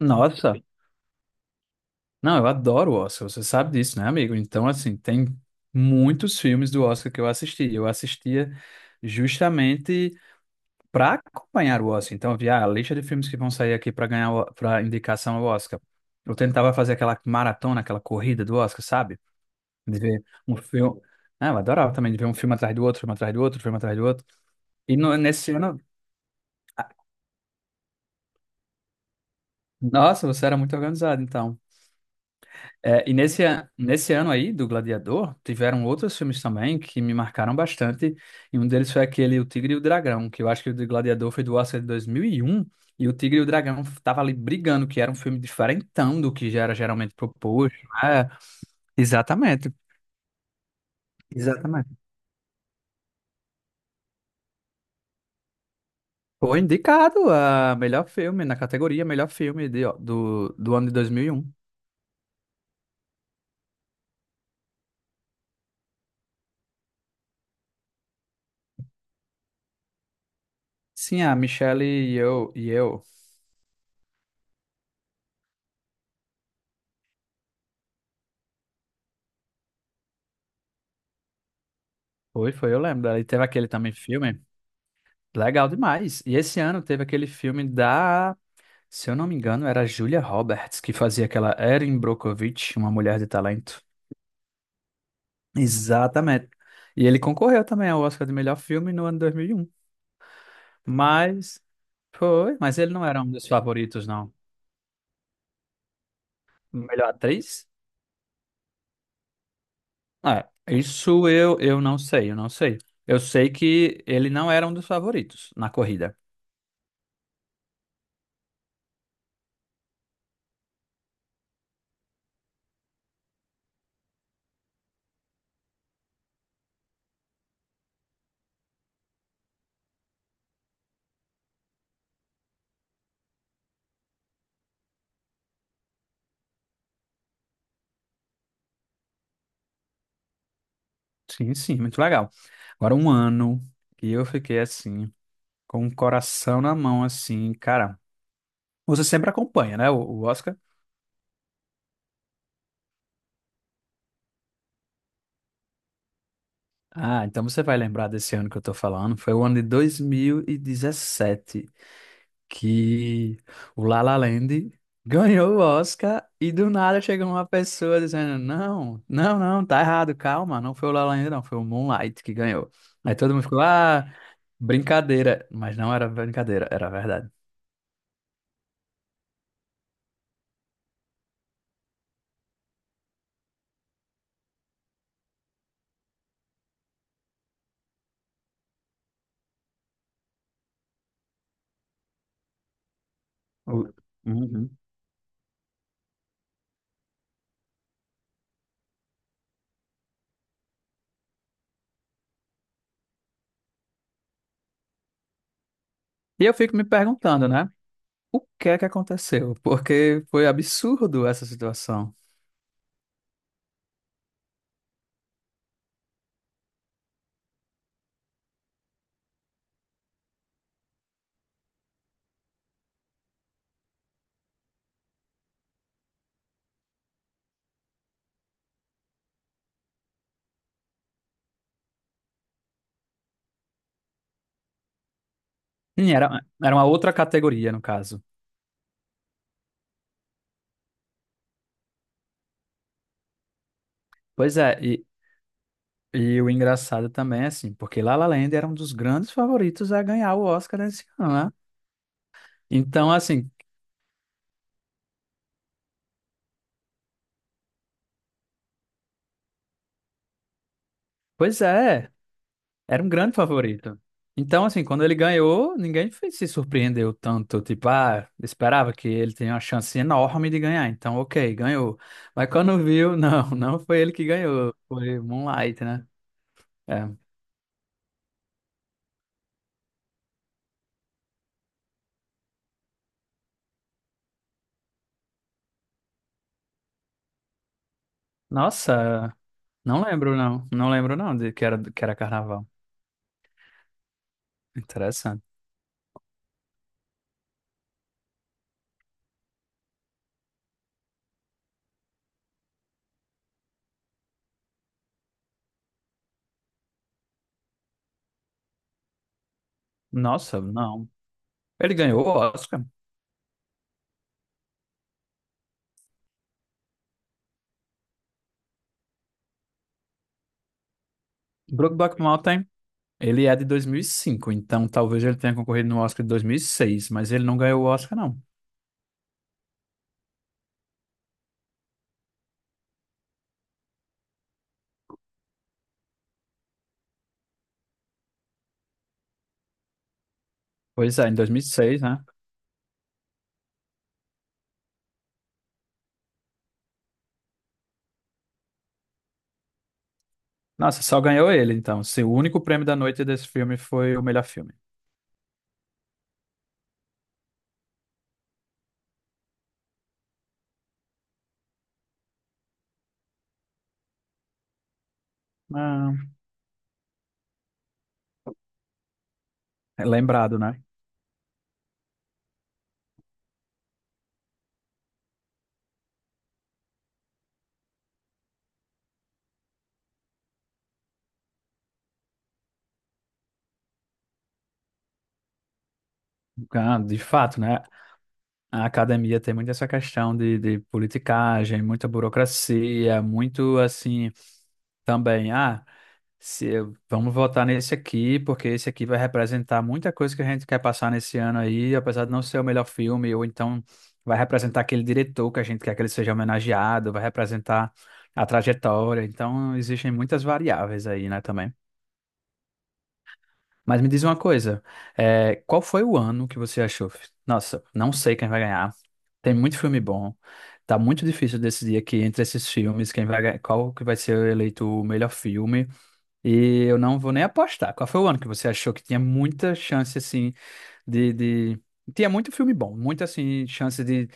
Nossa, não, eu adoro o Oscar, você sabe disso, né, amigo? Então, assim, tem muitos filmes do Oscar que eu assisti. Eu assistia justamente para acompanhar o Oscar. Então, eu via a lista de filmes que vão sair aqui para ganhar, para indicação ao Oscar. Eu tentava fazer aquela maratona, aquela corrida do Oscar, sabe? De ver um filme. Ah, eu adorava também de ver um filme atrás do outro, filme atrás do outro, filme atrás do outro. E nesse ano, nossa, você era muito organizado, então. É, e nesse, nesse ano aí do Gladiador, tiveram outros filmes também que me marcaram bastante. E um deles foi aquele O Tigre e o Dragão, que eu acho que o do Gladiador foi do Oscar de 2001. E um. E O Tigre e o Dragão tava ali brigando, que era um filme diferentão do que já era geralmente proposto. É, exatamente. Exatamente. Foi indicado a melhor filme, na categoria melhor filme do ano de 2001. Sim, a Michelle e eu. E eu. Foi, foi, eu lembro. E teve aquele também filme. Legal demais. E esse ano teve aquele filme da, se eu não me engano, era Julia Roberts, que fazia aquela Erin Brockovich, uma mulher de talento. Exatamente. E ele concorreu também ao Oscar de melhor filme no ano 2001. Mas foi, mas ele não era um dos favoritos, não. Melhor atriz? É, isso eu não sei, eu não sei. Eu sei que ele não era um dos favoritos na corrida. Sim, sim, muito legal. Agora um ano que eu fiquei assim. Com o coração na mão, assim, cara. Você sempre acompanha, né, o Oscar? Ah, então você vai lembrar desse ano que eu tô falando. Foi o ano de 2017 que o La La Land ganhou o Oscar e do nada chegou uma pessoa dizendo: Não, não, não, tá errado, calma, não foi o La La Land, não, foi o Moonlight que ganhou. Aí todo mundo ficou: Ah, brincadeira. Mas não era brincadeira, era verdade. O- Uhum. E eu fico me perguntando, né? O que é que aconteceu? Porque foi absurdo essa situação. Sim, era, era uma outra categoria, no caso. Pois é, e o engraçado também, é assim, porque La La Land era um dos grandes favoritos a ganhar o Oscar esse ano, né? Então, assim, pois é, era um grande favorito. Então, assim, quando ele ganhou, ninguém se surpreendeu tanto. Tipo, ah, esperava que ele tenha uma chance enorme de ganhar. Então, ok, ganhou. Mas quando viu, não, não foi ele que ganhou. Foi Moonlight, né? É. Nossa. Não lembro, não. Não lembro, não, de que era carnaval. Interessante. Nossa, não. Ele ganhou o Oscar. Brokeback Mountain, ele é de 2005, então talvez ele tenha concorrido no Oscar de 2006, mas ele não ganhou o Oscar, não. Pois é, em 2006, né? Nossa, só ganhou ele, então. Se o único prêmio da noite desse filme foi o melhor filme. Ah, é lembrado, né? Ah, de fato, né? A academia tem muito essa questão de politicagem, muita burocracia, muito assim, também. Ah. Se eu- Vamos votar nesse aqui, porque esse aqui vai representar muita coisa que a gente quer passar nesse ano aí, apesar de não ser o melhor filme, ou então vai representar aquele diretor que a gente quer que ele seja homenageado, vai representar a trajetória. Então, existem muitas variáveis aí, né, também. Mas me diz uma coisa, é, qual foi o ano que você achou? Nossa, não sei quem vai ganhar. Tem muito filme bom. Tá muito difícil decidir aqui entre esses filmes quem vai, qual que vai ser eleito o melhor filme. E eu não vou nem apostar. Qual foi o ano que você achou que tinha muita chance, assim, de... Tinha muito filme bom, muita, assim, chance de,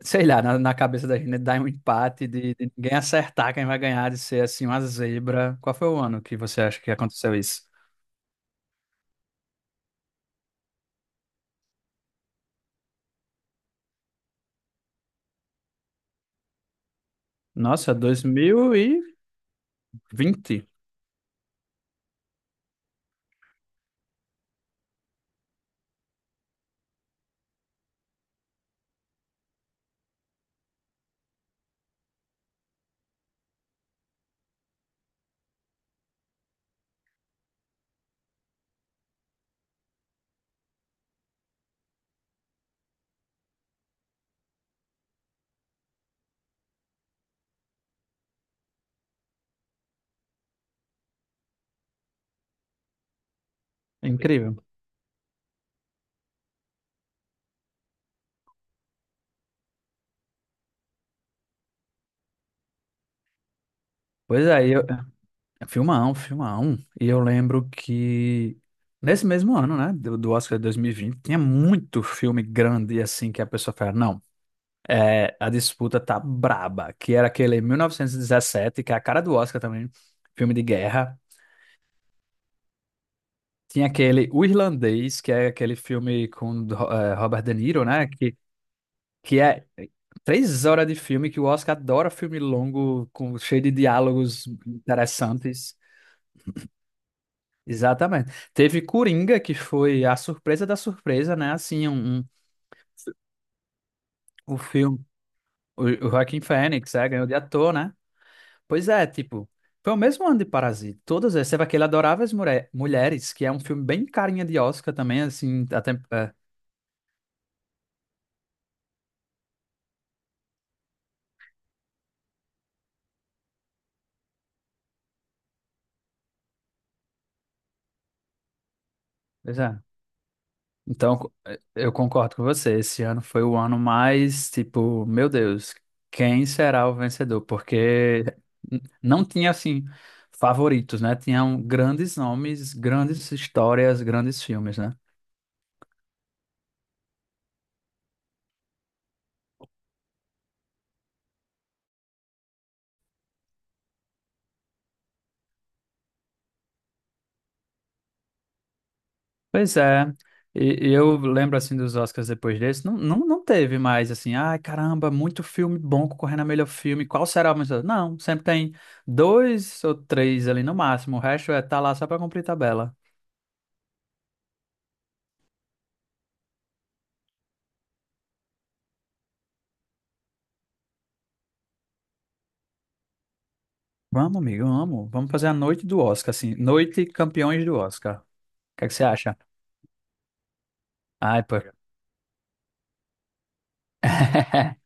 sei lá, na cabeça da gente né, dar um empate, de ninguém acertar quem vai ganhar, de ser, assim, uma zebra. Qual foi o ano que você acha que aconteceu isso? Nossa, 2020. Incrível. Pois é, eu... é, filmão, filmão. E eu lembro que nesse mesmo ano, né, do Oscar de 2020, tinha muito filme grande, assim, que a pessoa fala, não. É, a disputa tá braba, que era aquele 1917, que é a cara do Oscar também, filme de guerra. Tinha aquele O Irlandês, que é aquele filme com Robert De Niro, né? Que é 3 horas de filme, que o Oscar adora filme longo, com, cheio de diálogos interessantes. Exatamente. Teve Coringa, que foi a surpresa da surpresa, né? Assim, o filme, o Joaquin Phoenix, é, ganhou de ator, né? Pois é, tipo, foi o mesmo ano de Parasita. Todas essas. Teve aquele Adoráveis Mulheres, que é um filme bem carinha de Oscar também, assim. Até, é, pois é. Então, é, eu concordo com você. Esse ano foi o ano mais, tipo, meu Deus, quem será o vencedor? Porque não tinha, assim, favoritos, né? Tinham grandes nomes, grandes histórias, grandes filmes, né? Pois é, e eu lembro assim dos Oscars depois desse, não, não, não teve mais assim, ai caramba, muito filme bom concorrendo a melhor filme, qual será o melhor? Não, sempre tem dois ou três ali no máximo, o resto é tá lá só pra cumprir tabela. Vamos, amigo, vamos, vamos fazer a noite do Oscar, assim, noite campeões do Oscar. O que é que você acha? Ai, pô.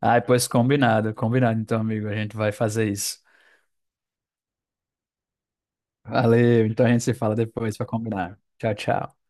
Ai, pois combinado, combinado então, amigo, a gente vai fazer isso. Valeu, então a gente se fala depois pra combinar. Tchau, tchau.